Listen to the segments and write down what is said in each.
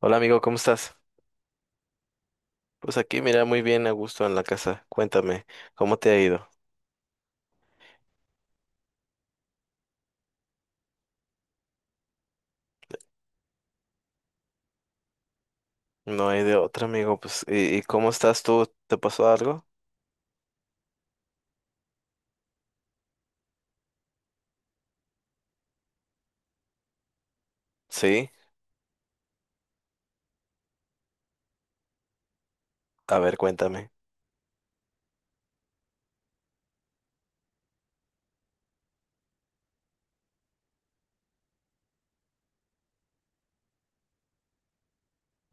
Hola amigo, ¿cómo estás? Pues aquí, mira, muy bien, a gusto en la casa. Cuéntame, ¿cómo te ha ido? No hay de otra, amigo. Pues, ¿y cómo estás tú? ¿Te pasó algo? Sí. A ver, cuéntame.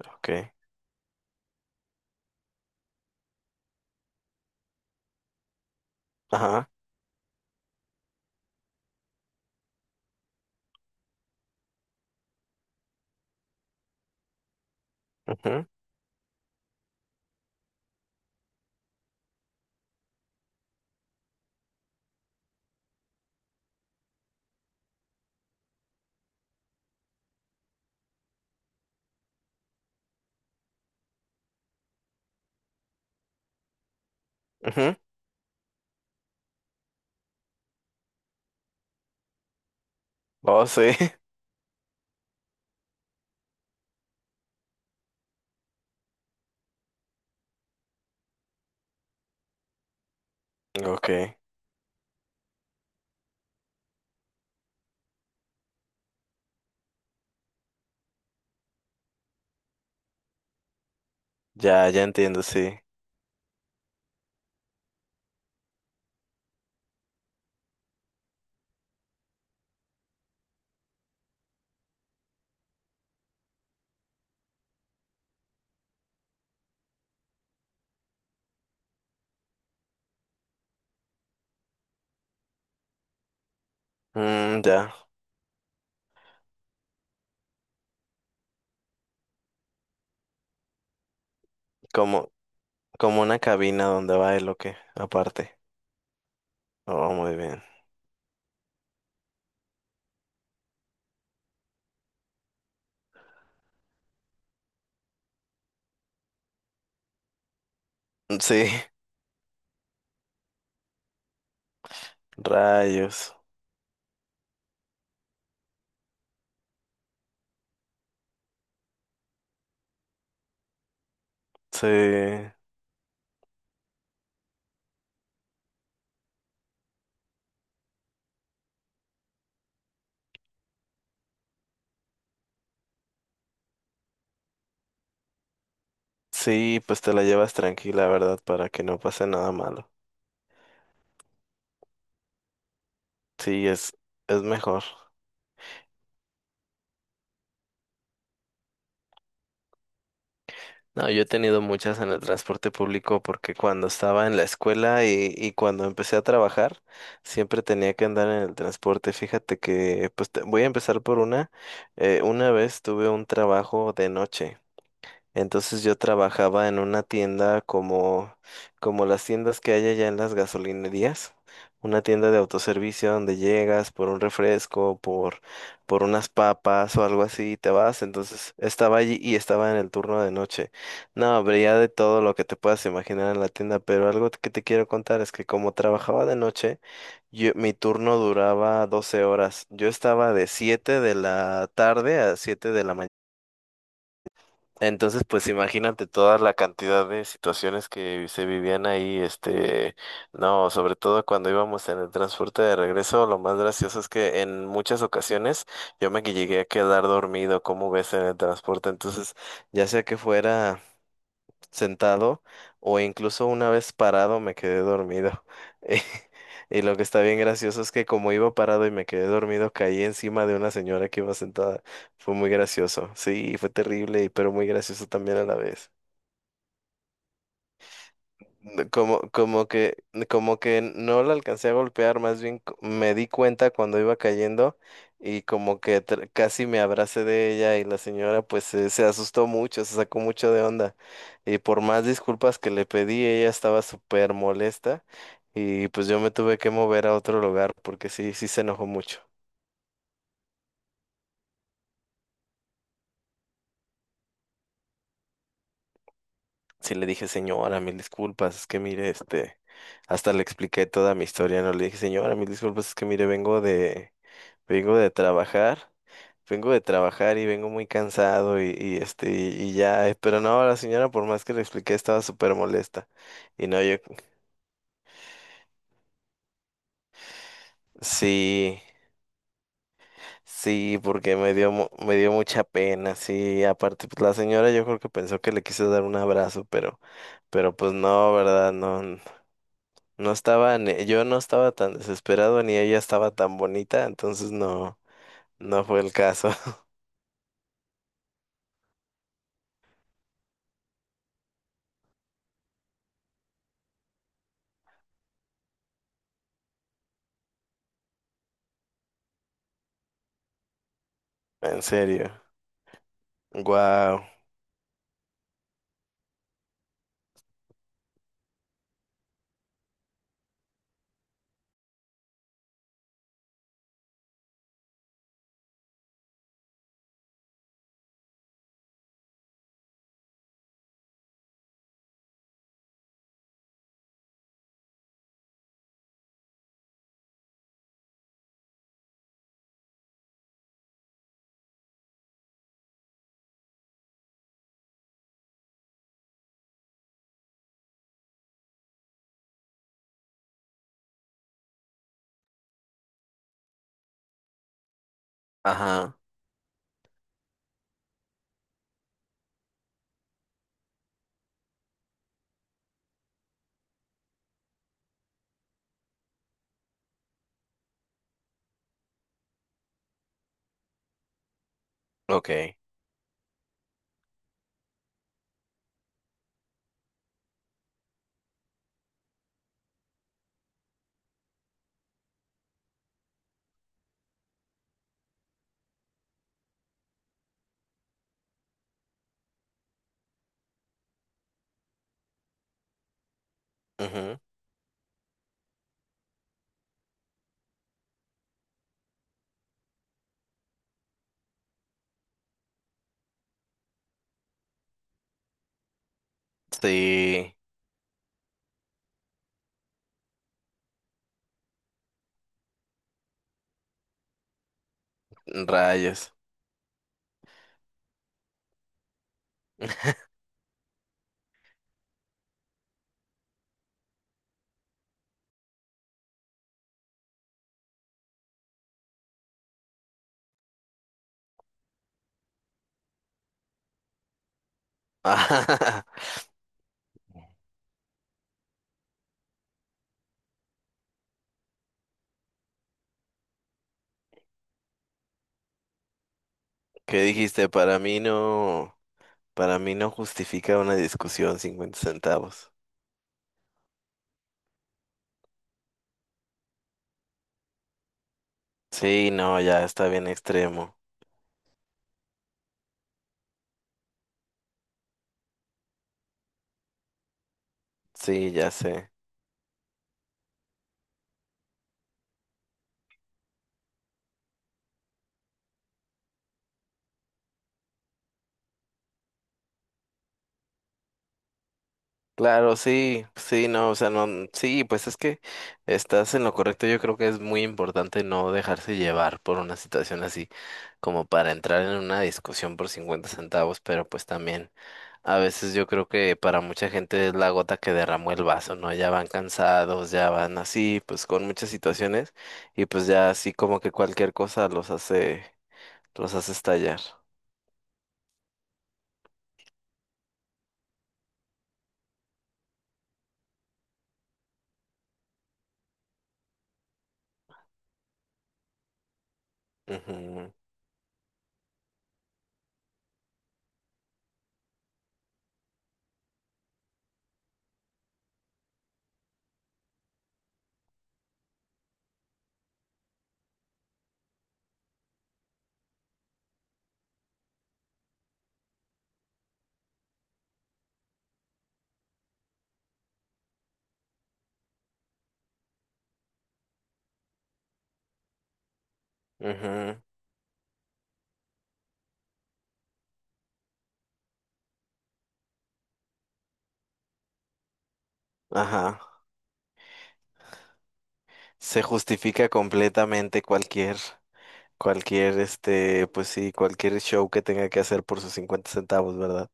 Ok. Ajá. Ujú, ujú. Oh, sí. Ok. Ya, ya entiendo, sí. Mm, ya. Como, como una cabina donde va el lo que, aparte. Oh, muy bien. Mm, sí. Rayos. Sí. Sí, pues te la llevas tranquila, ¿verdad? Para que no pase nada malo. Sí, es mejor. No, yo he tenido muchas en el transporte público porque cuando estaba en la escuela y cuando empecé a trabajar, siempre tenía que andar en el transporte. Fíjate que, pues voy a empezar por una. Una vez tuve un trabajo de noche. Entonces yo trabajaba en una tienda como las tiendas que hay allá en las gasolinerías, una tienda de autoservicio donde llegas por un refresco, por unas papas o algo así y te vas. Entonces estaba allí y estaba en el turno de noche. No, habría de todo lo que te puedas imaginar en la tienda, pero algo que te quiero contar es que como trabajaba de noche, mi turno duraba 12 horas. Yo estaba de 7 de la tarde a 7 de la mañana. Entonces, pues imagínate toda la cantidad de situaciones que se vivían ahí, este, no, sobre todo cuando íbamos en el transporte de regreso, lo más gracioso es que en muchas ocasiones yo me que llegué a quedar dormido, como ves, en el transporte, entonces, ya sea que fuera sentado o incluso una vez parado me quedé dormido. Y lo que está bien gracioso es que como iba parado y me quedé dormido, caí encima de una señora que iba sentada. Fue muy gracioso. Sí, fue terrible, pero muy gracioso también a la vez. No, como que no la alcancé a golpear, más bien me di cuenta cuando iba cayendo y como que casi me abracé de ella y la señora pues se asustó mucho, se sacó mucho de onda y por más disculpas que le pedí, ella estaba súper molesta y pues yo me tuve que mover a otro lugar porque sí, sí se enojó mucho. Sí le dije, señora, mil disculpas, es que mire, este, hasta le expliqué toda mi historia, no le dije, señora, mil disculpas, es que mire, vengo de vengo de trabajar, vengo de trabajar y vengo muy cansado y, y ya, pero no, la señora por más que le expliqué estaba súper molesta. Y no, yo sí, sí, porque me dio me dio mucha pena, sí, aparte pues la señora yo creo que pensó que le quise dar un abrazo, pero pues no, ¿verdad? No estaba yo no estaba tan desesperado ni ella estaba tan bonita, entonces no fue el caso. En serio. Wow. Ajá. Okay. Ujú. Sí, rayos. ¿Qué dijiste? Para mí no justifica una discusión 50 centavos. Sí, no, ya está bien extremo. Sí, ya sé. Claro, sí, sí, no, o sea, no, sí, pues es que estás en lo correcto. Yo creo que es muy importante no dejarse llevar por una situación así, como para entrar en una discusión por 50 centavos, pero pues también. A veces yo creo que para mucha gente es la gota que derramó el vaso, ¿no? Ya van cansados, ya van así, pues con muchas situaciones y pues ya así como que cualquier cosa los hace, estallar. Ujú, ujú, ajá. Se justifica completamente cualquier, pues sí, cualquier show que tenga que hacer por sus 50 centavos, ¿verdad?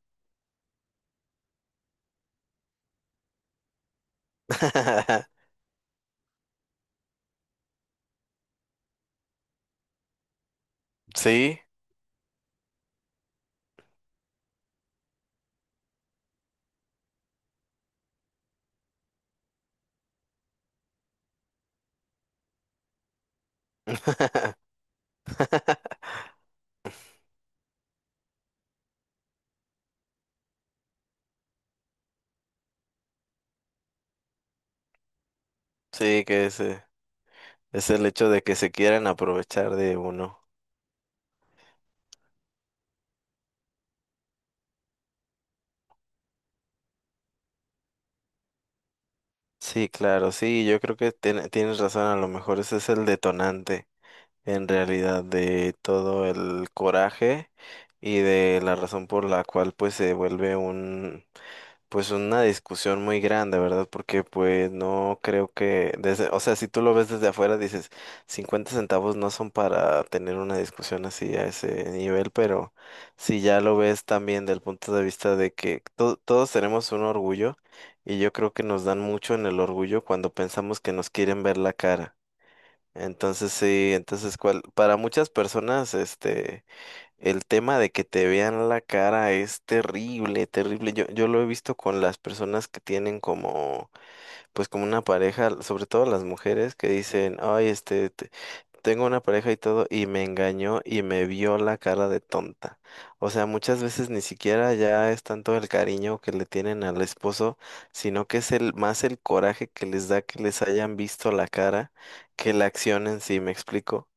Sí. Sí, es el hecho de que se quieran aprovechar de uno. Sí, claro, sí, yo creo que tienes razón, a lo mejor ese es el detonante en realidad de todo el coraje y de la razón por la cual pues se vuelve un pues una discusión muy grande, ¿verdad? Porque pues no creo que, desde, o sea, si tú lo ves desde afuera, dices, 50 centavos no son para tener una discusión así a ese nivel, pero si ya lo ves también del punto de vista de que todos tenemos un orgullo y yo creo que nos dan mucho en el orgullo cuando pensamos que nos quieren ver la cara. Entonces sí, entonces para muchas personas, este... El tema de que te vean la cara es terrible, terrible. Yo lo he visto con las personas que tienen pues como una pareja, sobre todo las mujeres que dicen, ay, este, tengo una pareja y todo, y me engañó y me vio la cara de tonta. O sea, muchas veces ni siquiera ya es tanto el cariño que le tienen al esposo, sino que es más el coraje que les da que les hayan visto la cara que la acción en sí, ¿me explico?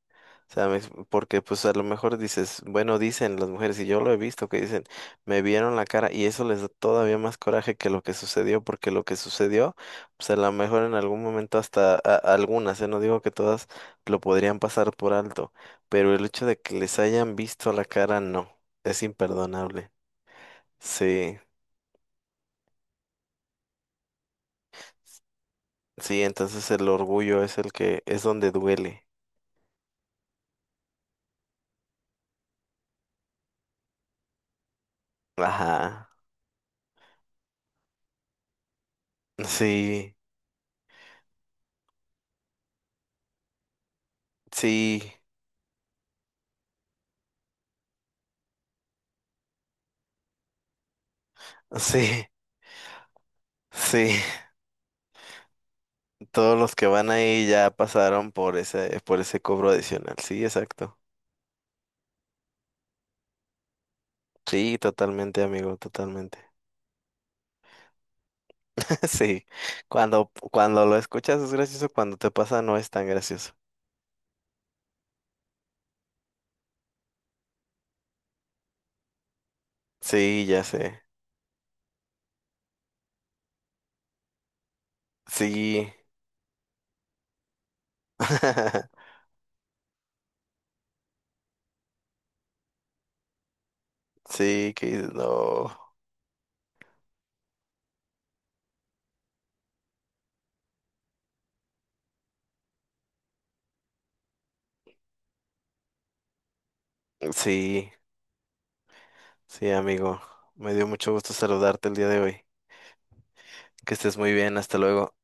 Sea, me porque pues a lo mejor dices, bueno, dicen las mujeres, y yo lo he visto que dicen, me vieron la cara, y eso les da todavía más coraje que lo que sucedió, porque lo que sucedió, pues a lo mejor en algún momento hasta algunas, no digo que todas lo podrían pasar por alto, pero el hecho de que les hayan visto la cara, no, es imperdonable. Sí, sí, entonces el orgullo es el que es donde duele. Ajá. Sí, sí, sí, sí. Todos los que van ahí ya pasaron por ese cobro adicional. Sí, exacto. Sí, totalmente, amigo, totalmente. Sí. Cuando lo escuchas es gracioso, cuando te pasa no es tan gracioso. Sí, ya sé. Sí. Sí, que no. Sí, sí, amigo. Me dio mucho gusto saludarte el día de hoy. Que estés muy bien, hasta luego.